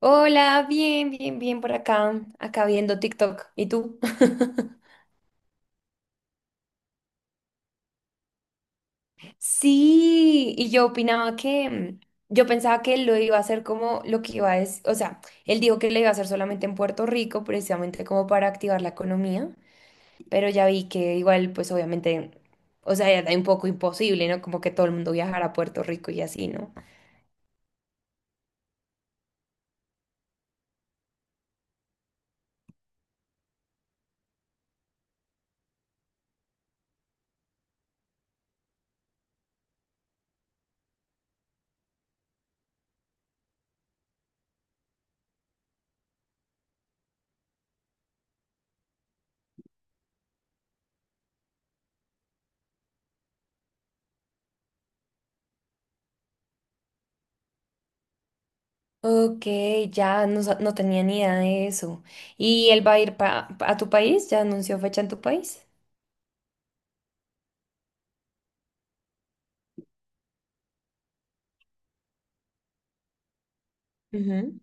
Hola, bien, bien, bien por acá, acá viendo TikTok. ¿Y tú? Sí, y yo opinaba que, yo pensaba que lo iba a hacer como lo que iba a decir, o sea, él dijo que lo iba a hacer solamente en Puerto Rico, precisamente como para activar la economía, pero ya vi que igual, pues obviamente, o sea, ya era un poco imposible, ¿no? Como que todo el mundo viajara a Puerto Rico y así, ¿no? Ok, ya no, no tenía ni idea de eso. ¿Y él va a ir a tu país? ¿Ya anunció fecha en tu país? Ujú.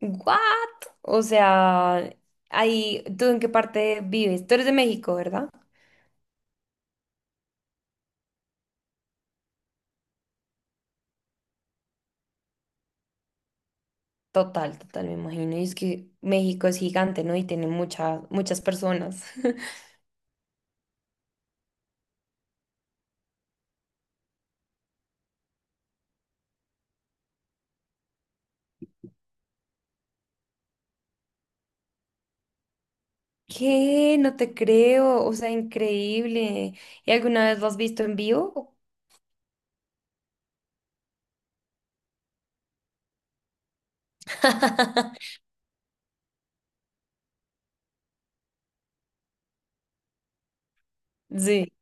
¿What? O sea, ahí, ¿tú en qué parte vives? Tú eres de México, ¿verdad? Total, total, me imagino. Y es que México es gigante, ¿no? Y tiene muchas, muchas personas. ¿Qué? No te creo. O sea, increíble. ¿Y alguna vez lo has visto en vivo? Sí.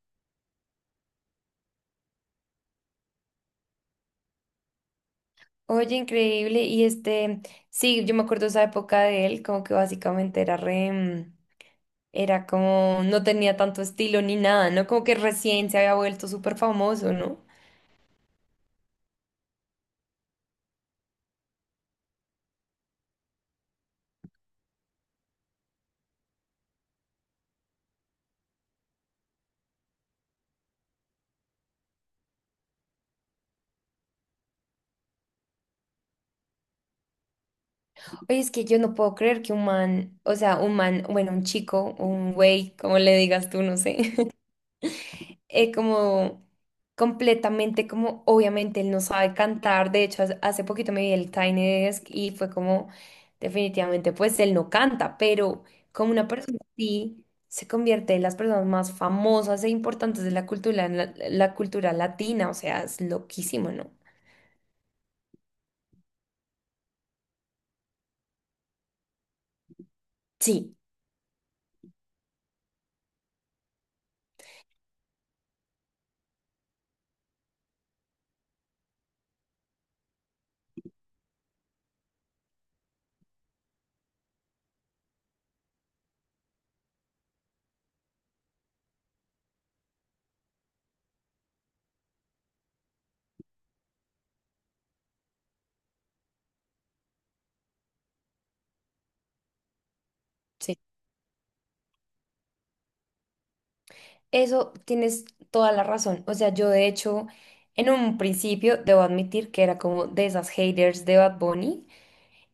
Oye, increíble. Y este, sí, yo me acuerdo esa época de él, como que básicamente era re, era como, no tenía tanto estilo ni nada, ¿no? Como que recién se había vuelto súper famoso, ¿no? Oye, es que yo no puedo creer que un man, o sea, un man, bueno, un chico, un güey, como le digas tú, no sé, como completamente como obviamente él no sabe cantar, de hecho hace poquito me vi el Tiny Desk y fue como definitivamente pues él no canta, pero como una persona así se convierte en las personas más famosas e importantes de la cultura, la cultura latina, o sea, es loquísimo, ¿no? Sí, sí. Eso tienes toda la razón. O sea, yo de hecho, en un principio, debo admitir que era como de esas haters de Bad Bunny,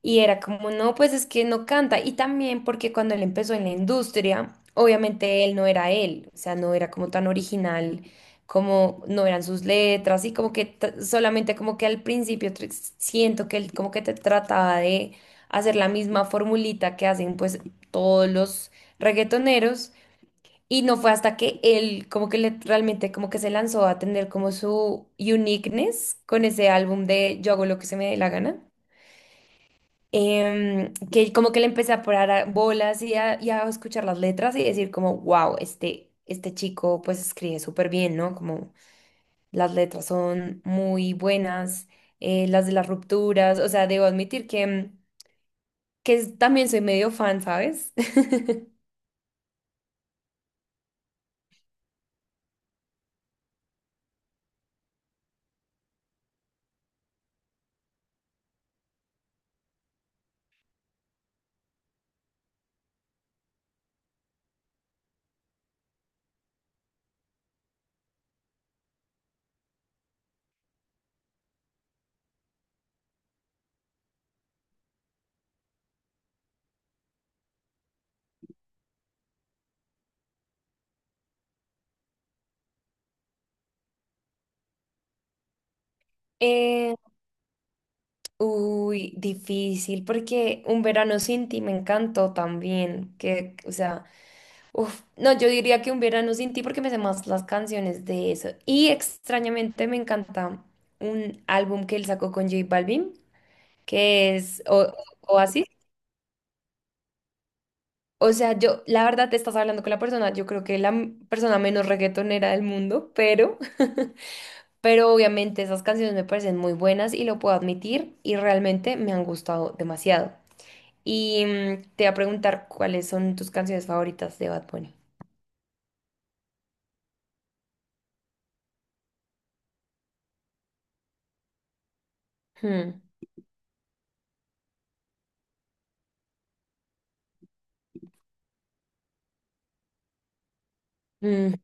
y era como, no, pues es que no canta. Y también porque cuando él empezó en la industria, obviamente él no era él, o sea, no era como tan original, como no eran sus letras y como que solamente como que al principio siento que él como que te trataba de hacer la misma formulita que hacen pues todos los reggaetoneros. Y no fue hasta que él como que le, realmente como que se lanzó a tener como su uniqueness con ese álbum de Yo hago lo que se me dé la gana, que como que le empecé a parar bolas y a escuchar las letras y decir como, wow, este chico pues escribe súper bien, ¿no? Como las letras son muy buenas, las de las rupturas, o sea, debo admitir que, que también soy medio fan, ¿sabes? Eh, uy, difícil, porque Un verano sin ti me encantó también, que, o sea... Uf, no, yo diría que un verano sin ti porque me sé más las canciones de eso. Y extrañamente me encanta un álbum que él sacó con J Balvin, que es Oasis. O sea, yo, la verdad, te estás hablando con la persona, yo creo que la persona menos reggaetonera del mundo, pero, pero obviamente esas canciones me parecen muy buenas y lo puedo admitir y realmente me han gustado demasiado. Y te voy a preguntar cuáles son tus canciones favoritas de Bad Bunny. Hmm, mm,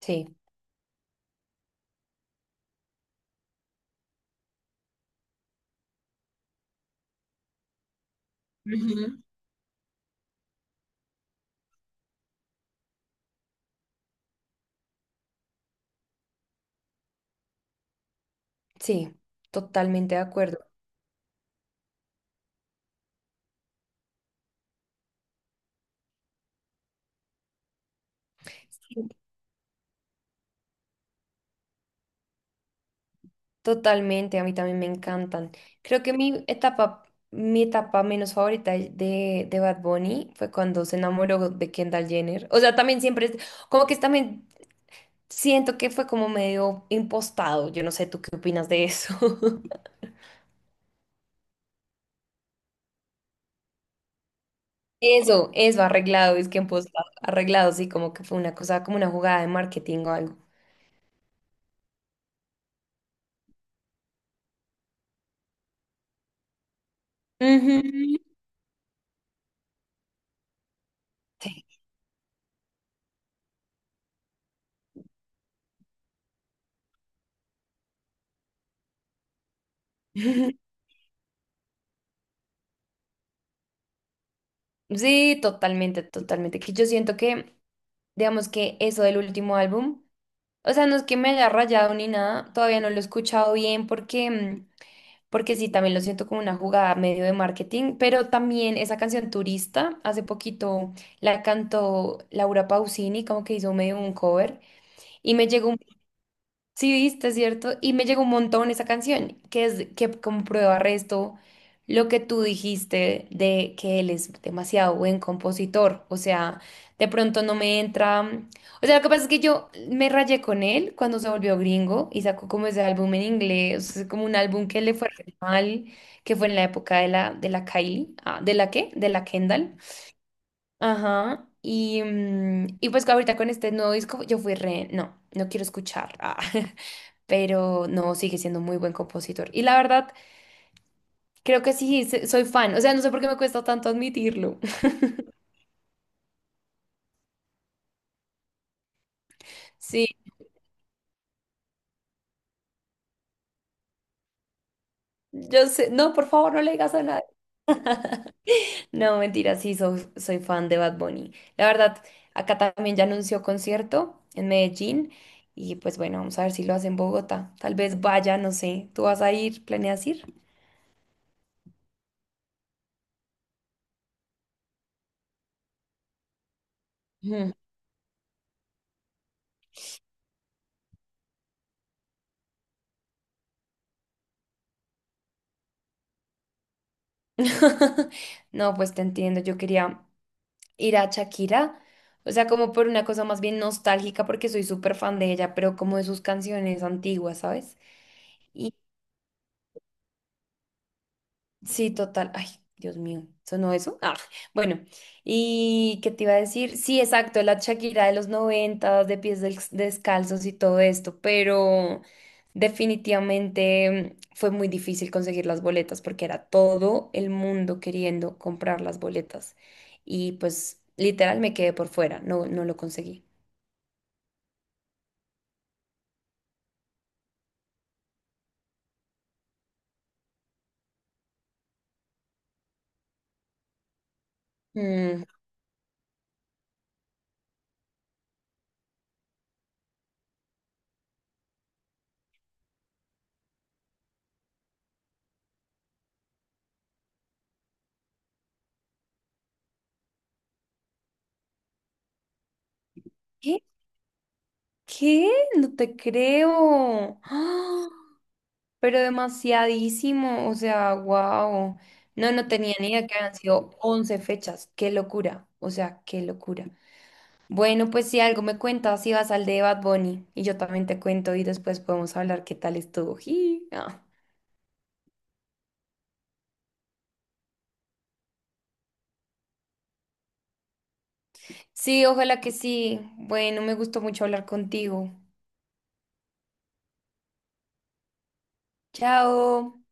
sí. Sí, totalmente de acuerdo. Sí. Totalmente, a mí también me encantan. Creo que mi etapa menos favorita de Bad Bunny fue cuando se enamoró de Kendall Jenner. O sea, también siempre, como que también siento que fue como medio impostado. Yo no sé, ¿tú qué opinas de eso? Eso, arreglado, es que impostado, arreglado, sí, como que fue una cosa, como una jugada de marketing o algo. Ujú. Sí. Sí, totalmente, totalmente. Que yo siento que digamos que eso del último álbum. O sea, no es que me haya rayado ni nada, todavía no lo he escuchado bien porque, porque sí, también lo siento como una jugada medio de marketing, pero también esa canción Turista, hace poquito la cantó Laura Pausini, como que hizo medio un cover, y me llegó. Sí, viste, ¿cierto? Y me llegó un montón esa canción, que es que como prueba resto lo que tú dijiste de que él es demasiado buen compositor. O sea, de pronto no me entra. O sea, lo que pasa es que yo me rayé con él cuando se volvió gringo y sacó como ese álbum en inglés, o sea, como un álbum que le fue re mal, que fue en la época de la Kylie. Ah, ¿de la qué? De la Kendall. Ajá. Y pues ahorita con este nuevo disco yo fui re, no, no quiero escuchar. Ah. Pero no, sigue siendo muy buen compositor. Y la verdad, creo que sí, soy fan. O sea, no sé por qué me cuesta tanto admitirlo. Sí, yo sé, no, por favor, no le digas a nadie. No, mentira, sí, soy, soy fan de Bad Bunny. La verdad, acá también ya anunció concierto en Medellín y pues bueno, vamos a ver si lo hace en Bogotá. Tal vez vaya, no sé, ¿tú vas a ir? ¿Planeas ir? Ujú. No, pues te entiendo, yo quería ir a Shakira, o sea, como por una cosa más bien nostálgica, porque soy súper fan de ella, pero como de sus canciones antiguas, ¿sabes? Y sí, total, ay, Dios mío, ¿sonó eso? Ah, bueno, ¿y qué te iba a decir? Sí, exacto, la Shakira de los noventas, de pies descalzos y todo esto, pero definitivamente, fue muy difícil conseguir las boletas porque era todo el mundo queriendo comprar las boletas. Y pues literal me quedé por fuera, no, no lo conseguí. Mm. ¿Qué? ¿Qué? No te creo. ¡Ah! Pero demasiadísimo. O sea, wow. No, no tenía ni idea que habían sido 11 fechas. Qué locura. O sea, qué locura. Bueno, pues si algo me cuentas, si vas al de Bad Bunny y yo también te cuento y después podemos hablar qué tal estuvo. Ji, ah. Sí, ojalá que sí. Bueno, me gustó mucho hablar contigo. Chao.